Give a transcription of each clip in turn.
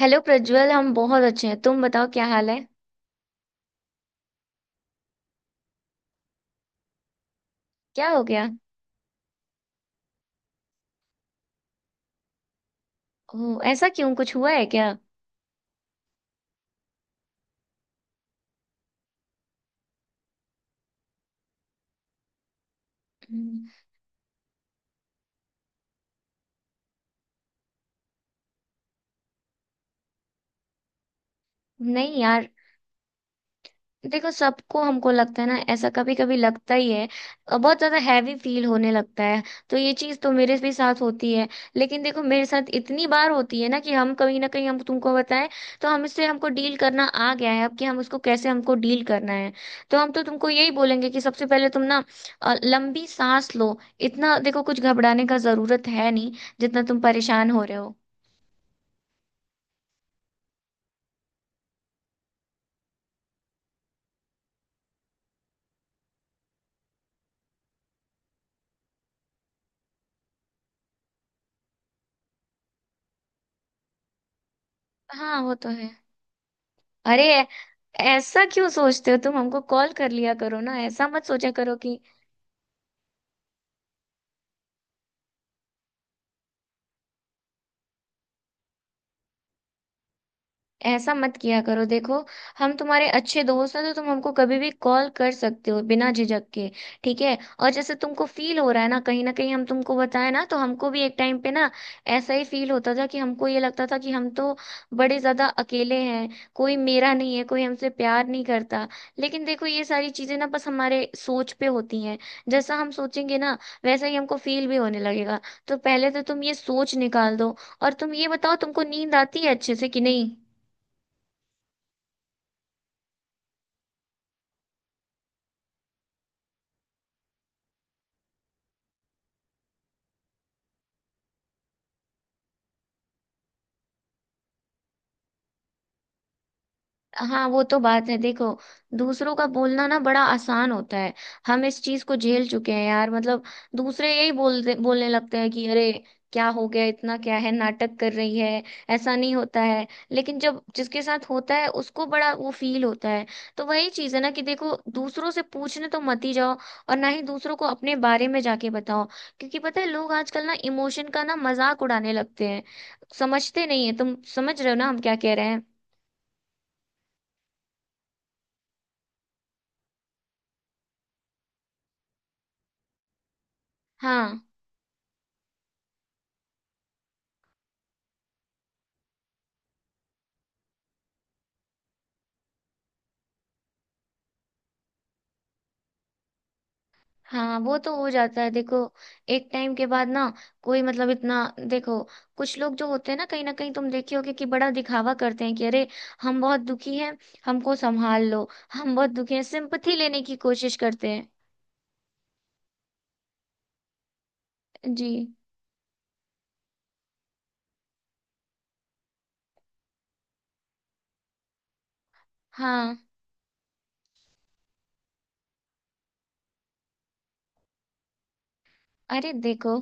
Hello Prajwal. हम बहुत अच्छे हैं, तुम बताओ क्या हाल है? क्या हो गया? ओ ऐसा क्यों, कुछ हुआ है क्या? हम्म। नहीं यार, देखो सबको हमको लगता है ना, ऐसा कभी कभी लगता ही है। बहुत ज्यादा हैवी फील होने लगता है। तो ये चीज तो मेरे भी साथ होती है। लेकिन देखो मेरे साथ इतनी बार होती है ना कि हम कहीं ना कहीं हम तुमको बताएं। तो हम इससे हमको डील करना आ गया है अब, कि हम उसको कैसे हमको डील करना है। तो हम तो तुमको यही बोलेंगे कि सबसे पहले तुम ना लंबी सांस लो। इतना देखो, कुछ घबराने का जरूरत है नहीं जितना तुम परेशान हो रहे हो। हाँ वो तो है। अरे ऐ- ऐसा क्यों सोचते हो? तुम हमको कॉल कर लिया करो ना, ऐसा मत सोचा करो कि। ऐसा मत किया करो देखो। हम तुम्हारे अच्छे दोस्त हैं, तो तुम हमको कभी भी कॉल कर सकते हो बिना झिझक के। ठीक है, और जैसे तुमको फील हो रहा है ना, कहीं ना कहीं हम तुमको बताए ना, तो हमको भी एक टाइम पे ना ऐसा ही फील होता था, कि हमको ये लगता था कि हम तो बड़े ज्यादा अकेले हैं। कोई मेरा नहीं है, कोई हमसे प्यार नहीं करता। लेकिन देखो ये सारी चीजें ना बस हमारे सोच पे होती हैं। जैसा हम सोचेंगे ना, वैसा ही हमको फील भी होने लगेगा। तो पहले तो तुम ये सोच निकाल दो। और तुम ये बताओ, तुमको नींद आती है अच्छे से कि नहीं? हाँ वो तो बात है देखो। दूसरों का बोलना ना बड़ा आसान होता है। हम इस चीज को झेल चुके हैं यार, मतलब दूसरे यही बोलते बोलने लगते हैं कि अरे क्या हो गया, इतना क्या है, नाटक कर रही है। ऐसा नहीं होता है। लेकिन जब जिसके साथ होता है उसको बड़ा वो फील होता है। तो वही चीज है ना कि देखो, दूसरों से पूछने तो मत ही जाओ। और ना ही दूसरों को अपने बारे में जाके बताओ। क्योंकि पता है लोग आजकल ना इमोशन का ना मजाक उड़ाने लगते हैं। समझते नहीं है। तुम समझ रहे हो ना हम क्या कह रहे हैं? हाँ हाँ। वो तो हो जाता है देखो, एक टाइम के बाद ना कोई मतलब इतना। देखो, कुछ लोग जो होते हैं ना, कहीं ना कहीं तुम देखे होगे, कि बड़ा दिखावा करते हैं कि अरे हम बहुत दुखी हैं, हमको संभाल लो, हम बहुत दुखी हैं, सिंपथी लेने की कोशिश करते हैं। जी। हाँ। अरे देखो,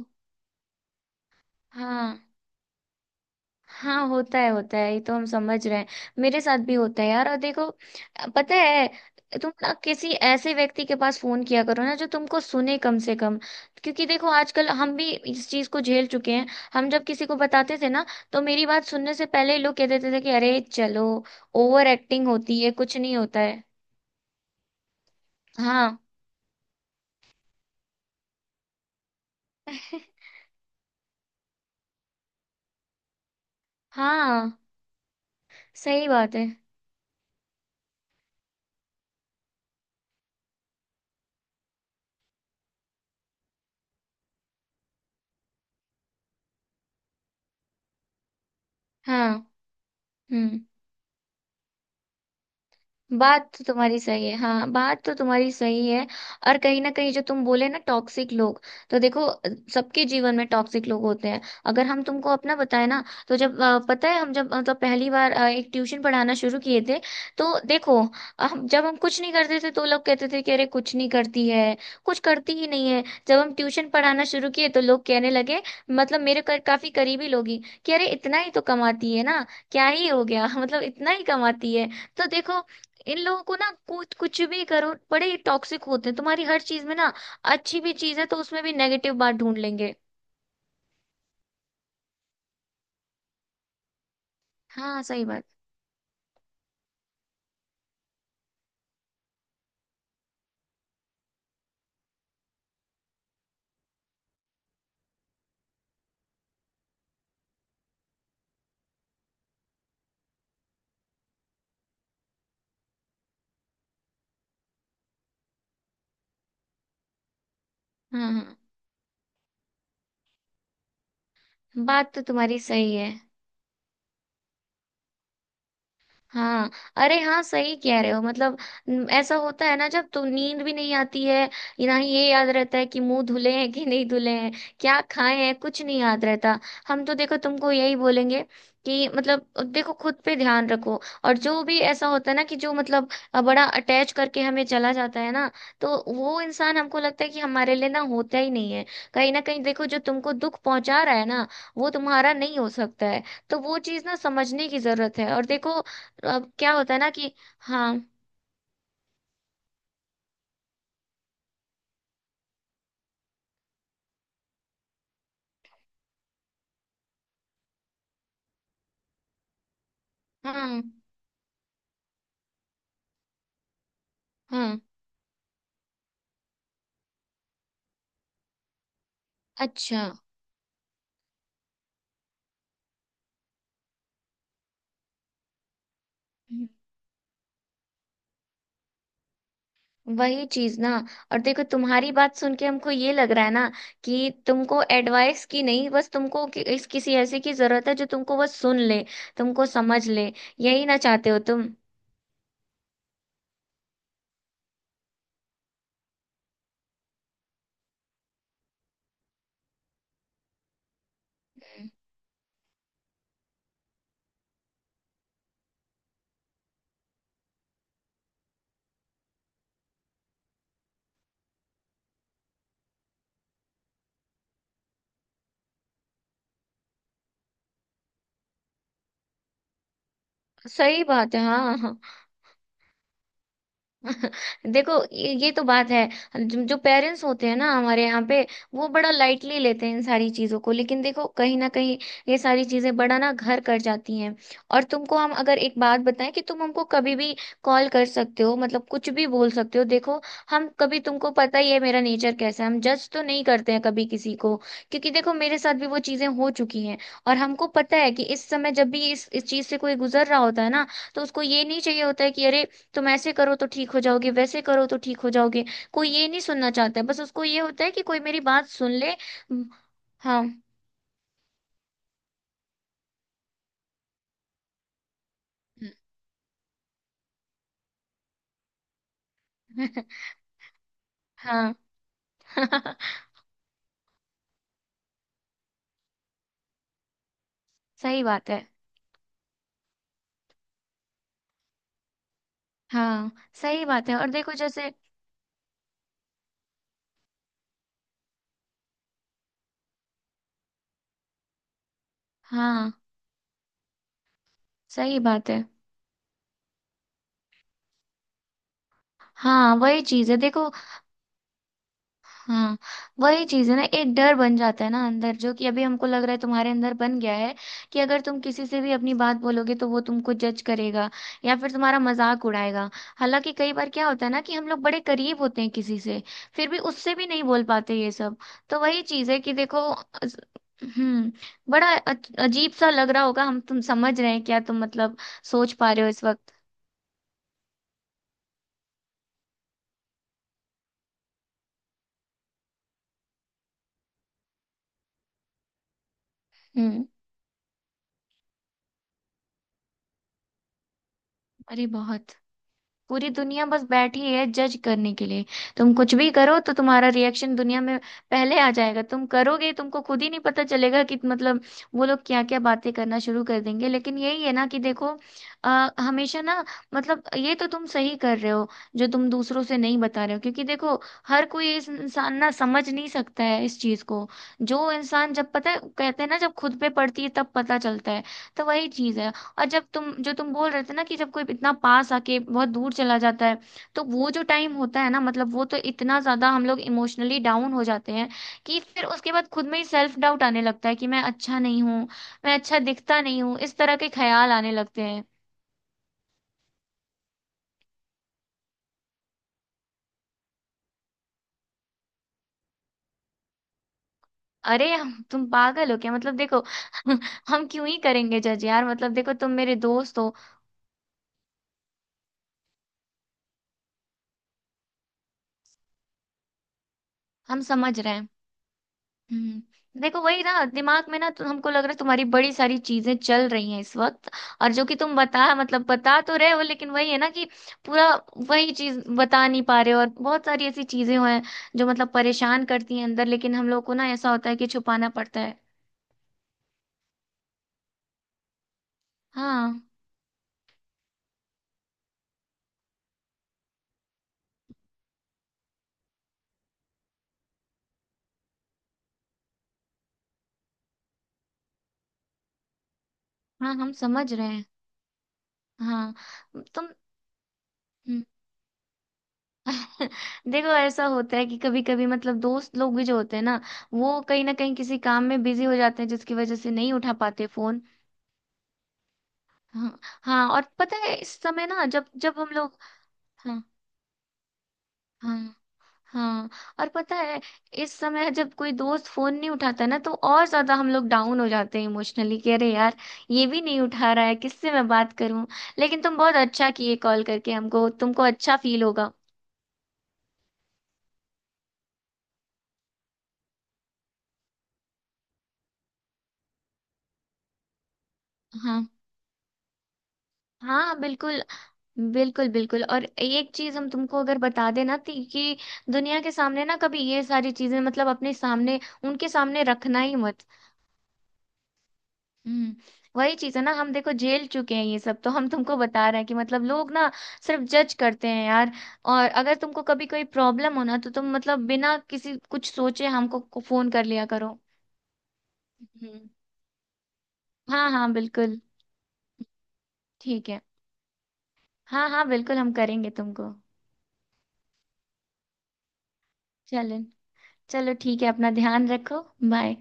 हाँ हाँ, होता है होता है, ये तो हम समझ रहे हैं। मेरे साथ भी होता है यार। और देखो, पता है, तुम ना किसी ऐसे व्यक्ति के पास फोन किया करो ना जो तुमको सुने कम से कम। क्योंकि देखो आजकल हम भी इस चीज को झेल चुके हैं। हम जब किसी को बताते थे ना, तो मेरी बात सुनने से पहले ही लोग कह देते थे कि अरे चलो ओवर एक्टिंग होती है, कुछ नहीं होता है। हाँ हाँ सही बात है। हाँ। हम्म। बात तो तुम्हारी सही है, हाँ बात तो तुम्हारी सही है। और कहीं ना कहीं जो तुम बोले ना टॉक्सिक लोग, तो देखो सबके जीवन में टॉक्सिक लोग होते हैं। अगर हम तुमको अपना बताए ना, तो जब पता है हम जब पहली बार एक ट्यूशन पढ़ाना शुरू किए थे, तो देखो, हम कुछ नहीं करते थे तो लोग कहते थे कि अरे कुछ नहीं करती है, कुछ करती ही नहीं है। जब हम ट्यूशन पढ़ाना शुरू किए तो लोग कहने लगे, मतलब मेरे काफी करीबी लोग ही, कि अरे इतना ही तो कमाती है ना, क्या ही हो गया। मतलब इतना ही कमाती है। तो देखो इन लोगों को ना कुछ, कुछ भी करो बड़े ही टॉक्सिक होते हैं। तुम्हारी हर चीज में ना, अच्छी भी चीज है तो उसमें भी नेगेटिव बात ढूंढ लेंगे। हाँ सही बात। हाँ हाँ बात तो तुम्हारी सही है। हाँ अरे हाँ सही कह रहे हो मतलब। ऐसा होता है ना, जब तो नींद भी नहीं आती है, ना ही ये याद रहता है कि मुंह धुले हैं कि नहीं धुले हैं, क्या खाए हैं, कुछ नहीं याद रहता। हम तो देखो तुमको यही बोलेंगे कि मतलब देखो खुद पे ध्यान रखो। और जो भी ऐसा होता है ना कि जो मतलब बड़ा अटैच करके हमें चला जाता है ना, तो वो इंसान हमको लगता है कि हमारे लिए ना होता ही नहीं है। कहीं ना कहीं देखो जो तुमको दुख पहुंचा रहा है ना, वो तुम्हारा नहीं हो सकता है। तो वो चीज ना समझने की जरूरत है। और देखो तो अब क्या होता है ना कि, हाँ। हाँ। हाँ। अच्छा। वही चीज ना, और देखो तुम्हारी बात सुन के हमको ये लग रहा है ना कि तुमको एडवाइस की नहीं, बस तुमको कि, इस किसी ऐसे की जरूरत है जो तुमको बस सुन ले, तुमको समझ ले। यही ना चाहते हो तुम? सही बात है। हाँ हाँ। देखो ये तो बात है। जो पेरेंट्स होते हैं ना हमारे यहाँ पे, वो बड़ा लाइटली लेते हैं इन सारी चीजों को। लेकिन देखो कहीं ना कहीं ये सारी चीजें बड़ा ना घर कर जाती हैं। और तुमको हम अगर एक बात बताएं, कि तुम हमको कभी भी कॉल कर सकते हो, मतलब कुछ भी बोल सकते हो देखो। हम कभी तुमको पता ही है मेरा नेचर कैसा है, हम जज तो नहीं करते हैं कभी किसी को। क्योंकि देखो मेरे साथ भी वो चीजें हो चुकी हैं। और हमको पता है कि इस समय जब भी इस चीज से कोई गुजर रहा होता है ना, तो उसको ये नहीं चाहिए होता है कि अरे तुम ऐसे करो तो ठीक हो जाओगे, वैसे करो तो ठीक हो जाओगे। कोई ये नहीं सुनना चाहता है, बस उसको ये होता है कि कोई मेरी बात सुन ले। हम्म। हाँ। हाँ। सही बात है। हाँ सही बात है, और देखो जैसे, हाँ सही बात है। हाँ वही चीज है देखो। हाँ वही चीज है ना, एक डर बन जाता है ना अंदर, जो कि अभी हमको लग रहा है तुम्हारे अंदर बन गया है, कि अगर तुम किसी से भी अपनी बात बोलोगे तो वो तुमको जज करेगा, या फिर तुम्हारा मजाक उड़ाएगा। हालांकि कई बार क्या होता है ना कि हम लोग बड़े करीब होते हैं किसी से, फिर भी उससे भी नहीं बोल पाते ये सब। तो वही चीज है कि देखो हम्म। बड़ा अजीब सा लग रहा होगा। हम तुम समझ रहे हैं क्या तुम मतलब सोच पा रहे हो इस वक्त? हम्म। अरे बहुत। पूरी दुनिया बस बैठी है जज करने के लिए। तुम कुछ भी करो तो तुम्हारा रिएक्शन दुनिया में पहले आ जाएगा, तुम करोगे तुमको खुद ही नहीं पता चलेगा कि मतलब वो लोग क्या क्या बातें करना शुरू कर देंगे। लेकिन यही है ना कि देखो हमेशा ना, मतलब ये तो तुम सही कर रहे हो जो तुम दूसरों से नहीं बता रहे हो। क्योंकि देखो हर कोई इस इंसान ना समझ नहीं सकता है इस चीज को। जो इंसान जब पता है, कहते हैं ना, जब खुद पे पड़ती है तब पता चलता है। तो वही चीज है। और जब तुम जो तुम बोल रहे थे ना कि जब कोई इतना पास आके बहुत दूर चला जाता है, तो वो जो टाइम होता है ना, मतलब वो तो इतना ज्यादा हम लोग इमोशनली डाउन हो जाते हैं कि फिर उसके बाद खुद में ही सेल्फ डाउट आने लगता है, कि मैं अच्छा नहीं हूँ, मैं अच्छा दिखता नहीं हूँ, इस तरह के ख्याल आने लगते हैं। तुम पागल हो क्या? मतलब देखो हम क्यों ही करेंगे जज यार, मतलब देखो तुम मेरे दोस्त हो। हम समझ रहे हैं। हम्म। देखो वही ना, दिमाग में ना तो हमको लग रहा है तुम्हारी बड़ी सारी चीजें चल रही हैं इस वक्त। और जो कि तुम बता तो रहे हो, लेकिन वही है ना कि पूरा वही चीज बता नहीं पा रहे हो। और बहुत सारी ऐसी चीजें हैं जो मतलब परेशान करती हैं अंदर, लेकिन हम लोग को ना ऐसा होता है कि छुपाना पड़ता है। हाँ हाँ हम समझ रहे हैं। हाँ। तुम। हम्म। देखो ऐसा होता है कि कभी कभी मतलब दोस्त लोग भी जो होते हैं ना, वो कहीं ना कहीं किसी काम में बिजी हो जाते हैं जिसकी वजह से नहीं उठा पाते फोन। हाँ हाँ, और पता है इस समय ना जब जब हम लोग, हाँ, हाँ हाँ, और पता है इस समय जब कोई दोस्त फोन नहीं उठाता ना, तो और ज्यादा हम लोग डाउन हो जाते हैं इमोशनली, कि अरे यार ये भी नहीं उठा रहा है, किससे मैं बात करूं। लेकिन तुम बहुत अच्छा किए कॉल करके, हमको तुमको अच्छा फील होगा। हाँ हाँ बिल्कुल, बिल्कुल बिल्कुल, और एक चीज हम तुमको अगर बता देना थी, कि दुनिया के सामने ना कभी ये सारी चीजें, मतलब अपने सामने उनके सामने रखना ही मत। हम्म। वही चीज है ना, हम देखो झेल चुके हैं ये सब, तो हम तुमको बता रहे हैं कि मतलब लोग ना सिर्फ जज करते हैं यार। और अगर तुमको कभी कोई प्रॉब्लम हो ना तो तुम मतलब बिना किसी कुछ सोचे हमको फोन कर लिया करो। हम्म। हाँ हाँ बिल्कुल। ठीक है। हाँ हाँ बिल्कुल, हम करेंगे तुमको। चलो। चलो ठीक है, अपना ध्यान रखो। बाय।